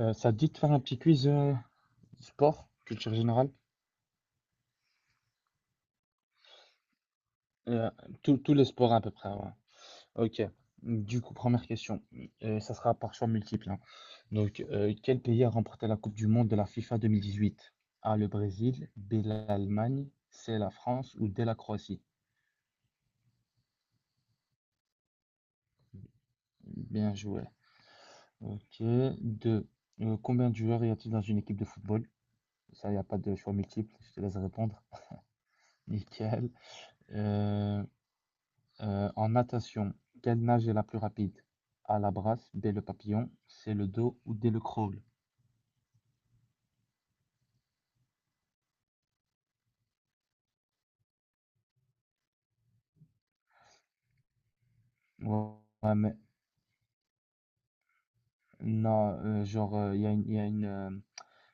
Ça te dit de faire un petit quiz sport, culture générale? Euh, Tous les sports à peu près, ouais. Ok. Du coup, première question. Ça sera par choix multiple, hein. Donc, quel pays a remporté la Coupe du Monde de la FIFA 2018? A, le Brésil, B, l'Allemagne, C, la France ou D, la Croatie? Bien joué. Ok. Deux. Combien de joueurs y a-t-il dans une équipe de football? Ça, il n'y a pas de choix multiple. Je te laisse répondre. Nickel. Euh, En natation, quelle nage est la plus rapide? A la brasse, B le papillon, C le dos ou D le crawl? Ouais, ouais, mais non, genre, il y a une,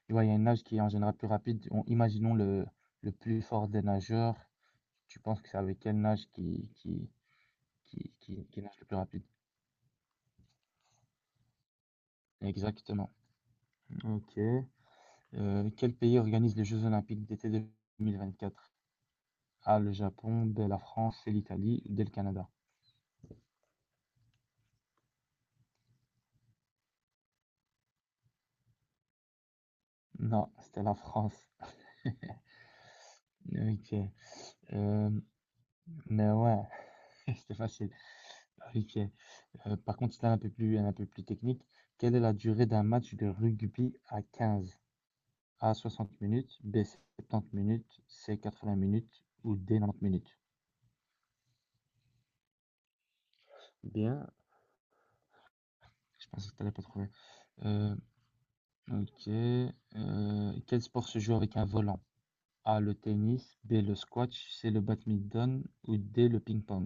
ouais, il y a une nage qui est en général plus rapide. Imaginons le plus fort des nageurs. Tu penses que c'est avec quelle nage qui nage le plus rapide? Exactement. Ok. Quel pays organise les Jeux Olympiques d'été 2024? A, le Japon, B, la France, C, l'Italie, ou D, le Canada. Non, c'était la France. OK, hem, mais ouais, c'était facile. OK, par contre, c'était un peu plus technique. Quelle est la durée d'un match de rugby à 15? A 60 minutes, B 70 minutes, C 80 minutes ou D 90 minutes? Bien, je pensais que tu allais pas trouver. Heu, OK, quel sport se joue avec un volant? A le tennis, B le squash, C le badminton ou D le ping-pong?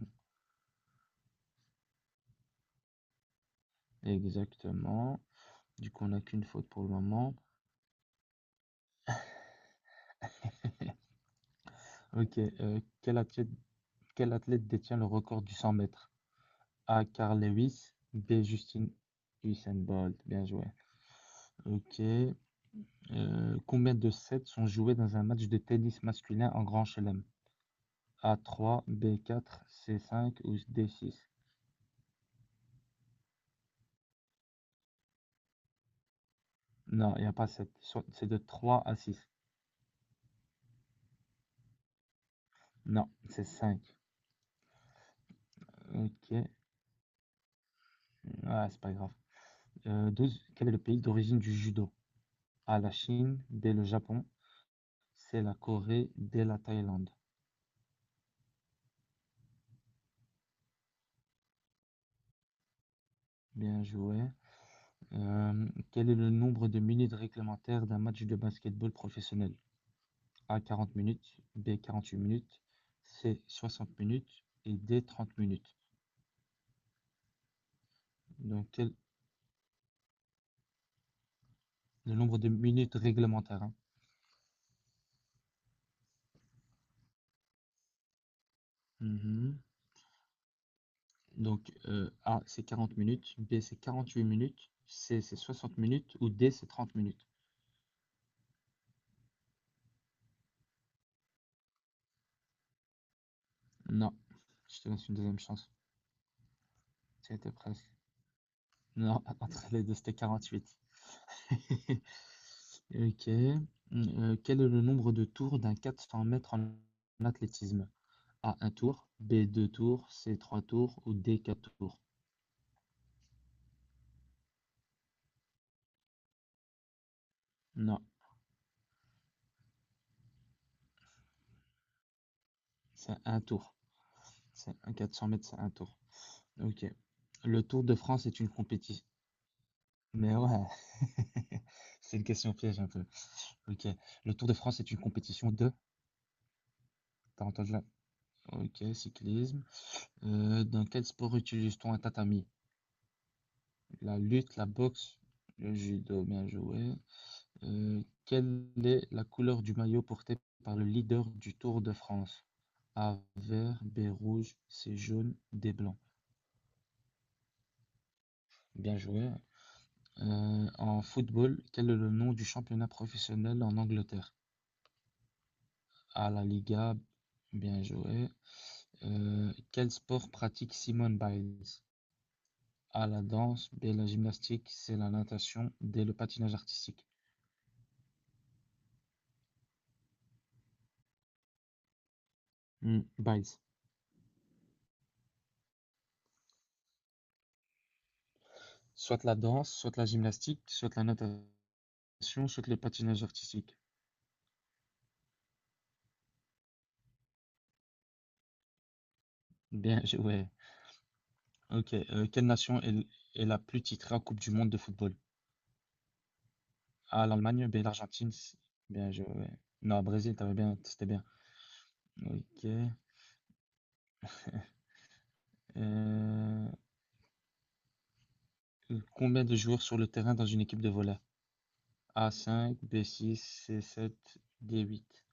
Exactement. Du coup, on n'a qu'une faute pour le moment. Ok. Quel athlète détient le record du 100 mètres? A. Carl Lewis. B. Justin Usain Bolt. Bien joué. Ok. Combien de sets sont joués dans un match de tennis masculin en Grand Chelem? A. 3. B. 4. C. 5 ou D. 6? Non, il n'y a pas 7. C'est de 3 à 6. Non, c'est 5. Ok. Ah, c'est pas grave. 12. Quel est le pays d'origine du judo? A. La Chine. B. Le Japon. C. La Corée. D. La Thaïlande. Bien joué. Quel est le nombre de minutes réglementaires d'un match de basketball professionnel? A 40 minutes, B 48 minutes, C 60 minutes et D 30 minutes. Donc quel le nombre de minutes réglementaires, hein. Mhm. Donc A c'est 40 minutes, B c'est 48 minutes, C c'est 60 minutes ou D c'est 30 minutes. Non, je te laisse une deuxième chance. C'était presque. Non, entre les deux c'était 48. Ok. Quel est le nombre de tours d'un 400 mètres en athlétisme? A, un tour. B, deux tours. C, trois tours. Ou D, quatre tours. Non, c'est un tour. C'est un 400 mètres, c'est un tour. Ok. Le Tour de France est une compétition. Mais ouais, c'est une question piège un peu. Ok. Le Tour de France est une compétition de. T'as entendu là? Ok, cyclisme. Dans quel sport utilise-t-on un tatami? La lutte, la boxe, le judo, bien joué. Quelle est la couleur du maillot porté par le leader du Tour de France? A vert, B rouge, C jaune, D blanc. Bien joué. En football, quel est le nom du championnat professionnel en Angleterre? A la Liga, bien joué. Quel sport pratique Simone Biles? A la danse, B la gymnastique, C la natation, D le patinage artistique. Hmm, Biles. Soit la danse, soit la gymnastique, soit la natation, soit le patinage artistique. Ouais. Ok. Quelle nation est, l- Est la plus titrée en Coupe du Monde de football? Ah, l'Allemagne, bien l'Argentine. Bien, je, ouais. Non, Brésil, t'avais bien, c'était bien. Ok. Euh, Combien de joueurs sur le terrain dans une équipe de volley? A cinq, b six, c sept, d huit.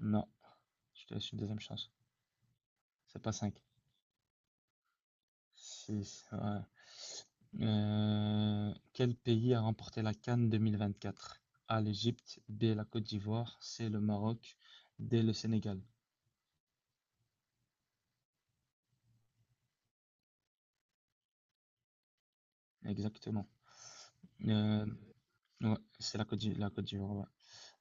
Non. Je te laisse une deuxième chance. C'est pas 5. 6, ouais. Quel pays a remporté la CAN 2024? A, l'Égypte, B, la Côte d'Ivoire, C, le Maroc, D, le Sénégal. Exactement. Euh, ouais, c'est la la Côte d'Ivoire, ouais.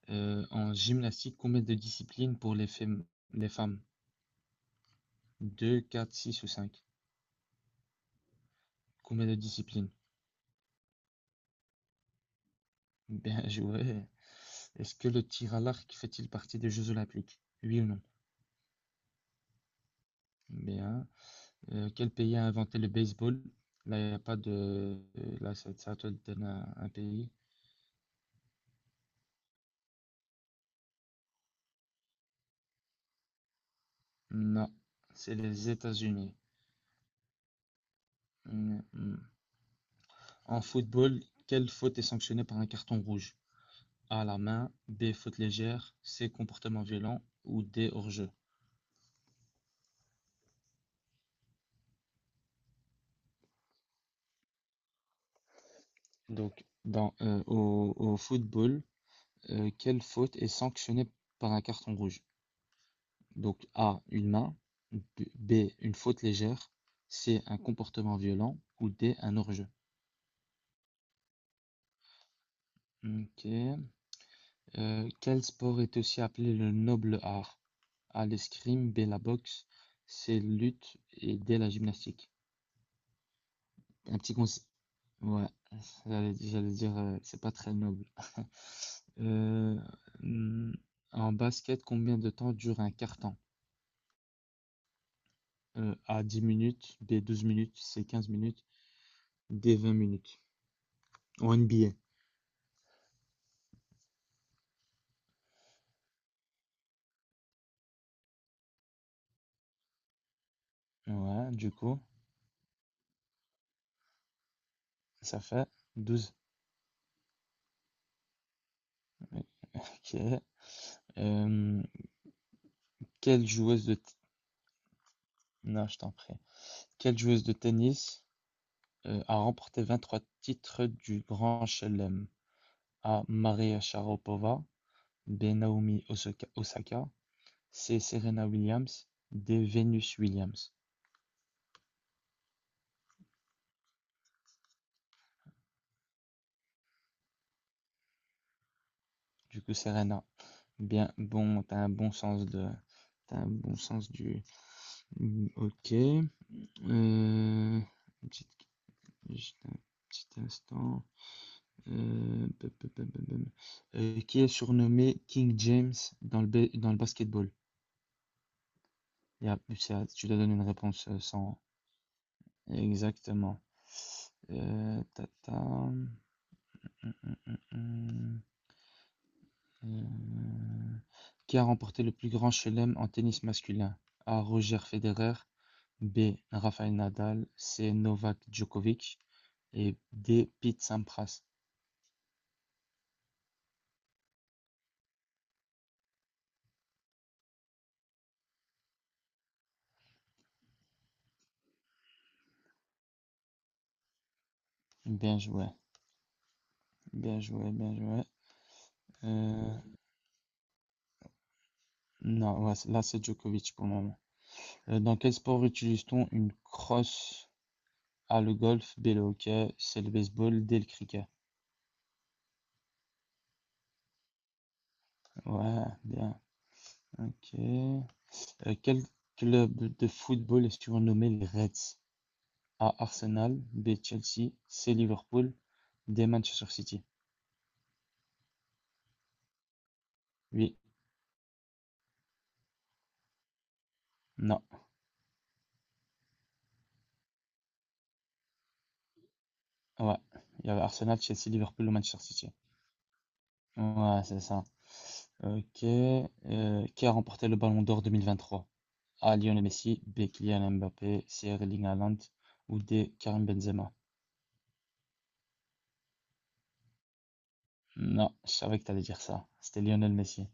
En gymnastique, combien de disciplines pour les les femmes? 2, 4, 6 ou cinq? Combien de disciplines? Bien joué. Est-ce que le tir à l'arc fait-il partie des Jeux Olympiques? Oui ou non? Bien. Quel pays a inventé le baseball? Là, il n'y a pas de. Là, ça, c'est à toi de donner un pays. Non, c'est les États-Unis. Mm, mm. En football, quelle faute est sanctionnée par un carton rouge? A, la main, B, faute légère, C, comportement violent ou D, hors-jeu. Dans, au football, quelle faute est sanctionnée par un carton rouge? Donc A, une main, B, B, une faute légère, C, un comportement violent ou D, un hors-jeu. Ok. Quel sport est aussi appelé le noble art? A l'escrime, B la boxe, C lutte et D la gymnastique. Un petit conseil. Ouais, j'allais dire, c'est pas très noble. Euh, hmm, En basket, combien de temps dure un carton? A 10 minutes, B 12 minutes, C 15 minutes, D 20 minutes. En NBA. Ouais, du coup, ça fait 12. Ok. Euh, quelle joueuse de... t- Non, je t'en prie. Quelle joueuse de tennis a remporté 23 titres du Grand Chelem? A. Maria Sharapova, B. Naomi Osaka, C. Serena Williams, D. Venus Williams. Du coup, Serena, bien bon, t'as un bon sens du. Hmm, Ok. Une petite- juste un petit instant. Pam, pam, pam, pam, pam. Qui est surnommé King James dans le, dans le basketball? Il y a plus à- Tu dois donner une réponse sans. Exactement. Tata. Hum, hum, hum. Euh, Qui a remporté le plus grand chelem en tennis masculin? A. Roger Federer. B. Rafael Nadal. C. Novak Djokovic. Et D. Pete Sampras. Bien joué, Bien joué. Euh, non, Ouais, là c'est Djokovic pour le moment. Dans quel sport utilise-t-on une crosse? Ah, le golf, B, le hockey, c'est le baseball, D, le cricket. Ouais, bien, ok. Quel club de football est surnommé les Reds? A, Arsenal, B, Chelsea, C, Liverpool, D, Manchester City. Oui, non, ouais. Il y avait Arsenal, Chelsea, Liverpool ou Manchester City. Ouais, c'est ça. Ok. Qui a remporté le Ballon d'Or 2023? A, Lionel Messi, B, Kylian Mbappé, C, Erling Haaland ou D, Karim Benzema. Non, je savais que t'allais dire ça. C'était Lionel Messi.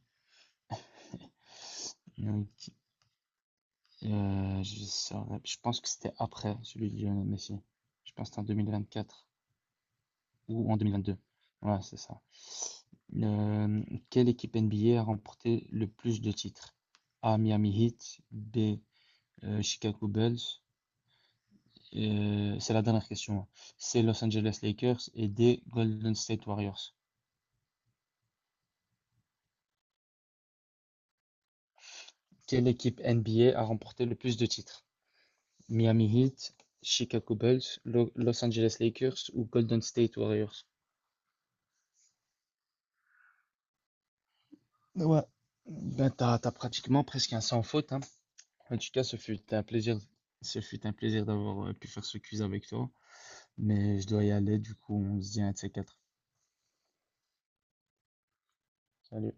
Donc, je pense que c'était après celui de Lionel Messi. Je pense que c'était en 2024 ou en 2022. Ouais, c'est ça. Euh, quelle équipe NBA a remporté le plus de titres? A. Miami Heat. B. Chicago Bulls. C'est la dernière question, hein. C. Los Angeles Lakers. Et D. Golden State Warriors. Quelle équipe NBA a remporté le plus de titres? Miami Heat, Chicago Bulls, Los Angeles Lakers ou Golden State Warriors. Ouais, ben t'as pratiquement presque un sans faute, hein. En tout cas, ce fut un plaisir d'avoir pu faire ce quiz avec toi. Mais je dois y aller, du coup, on se dit un de ces quatre. Salut.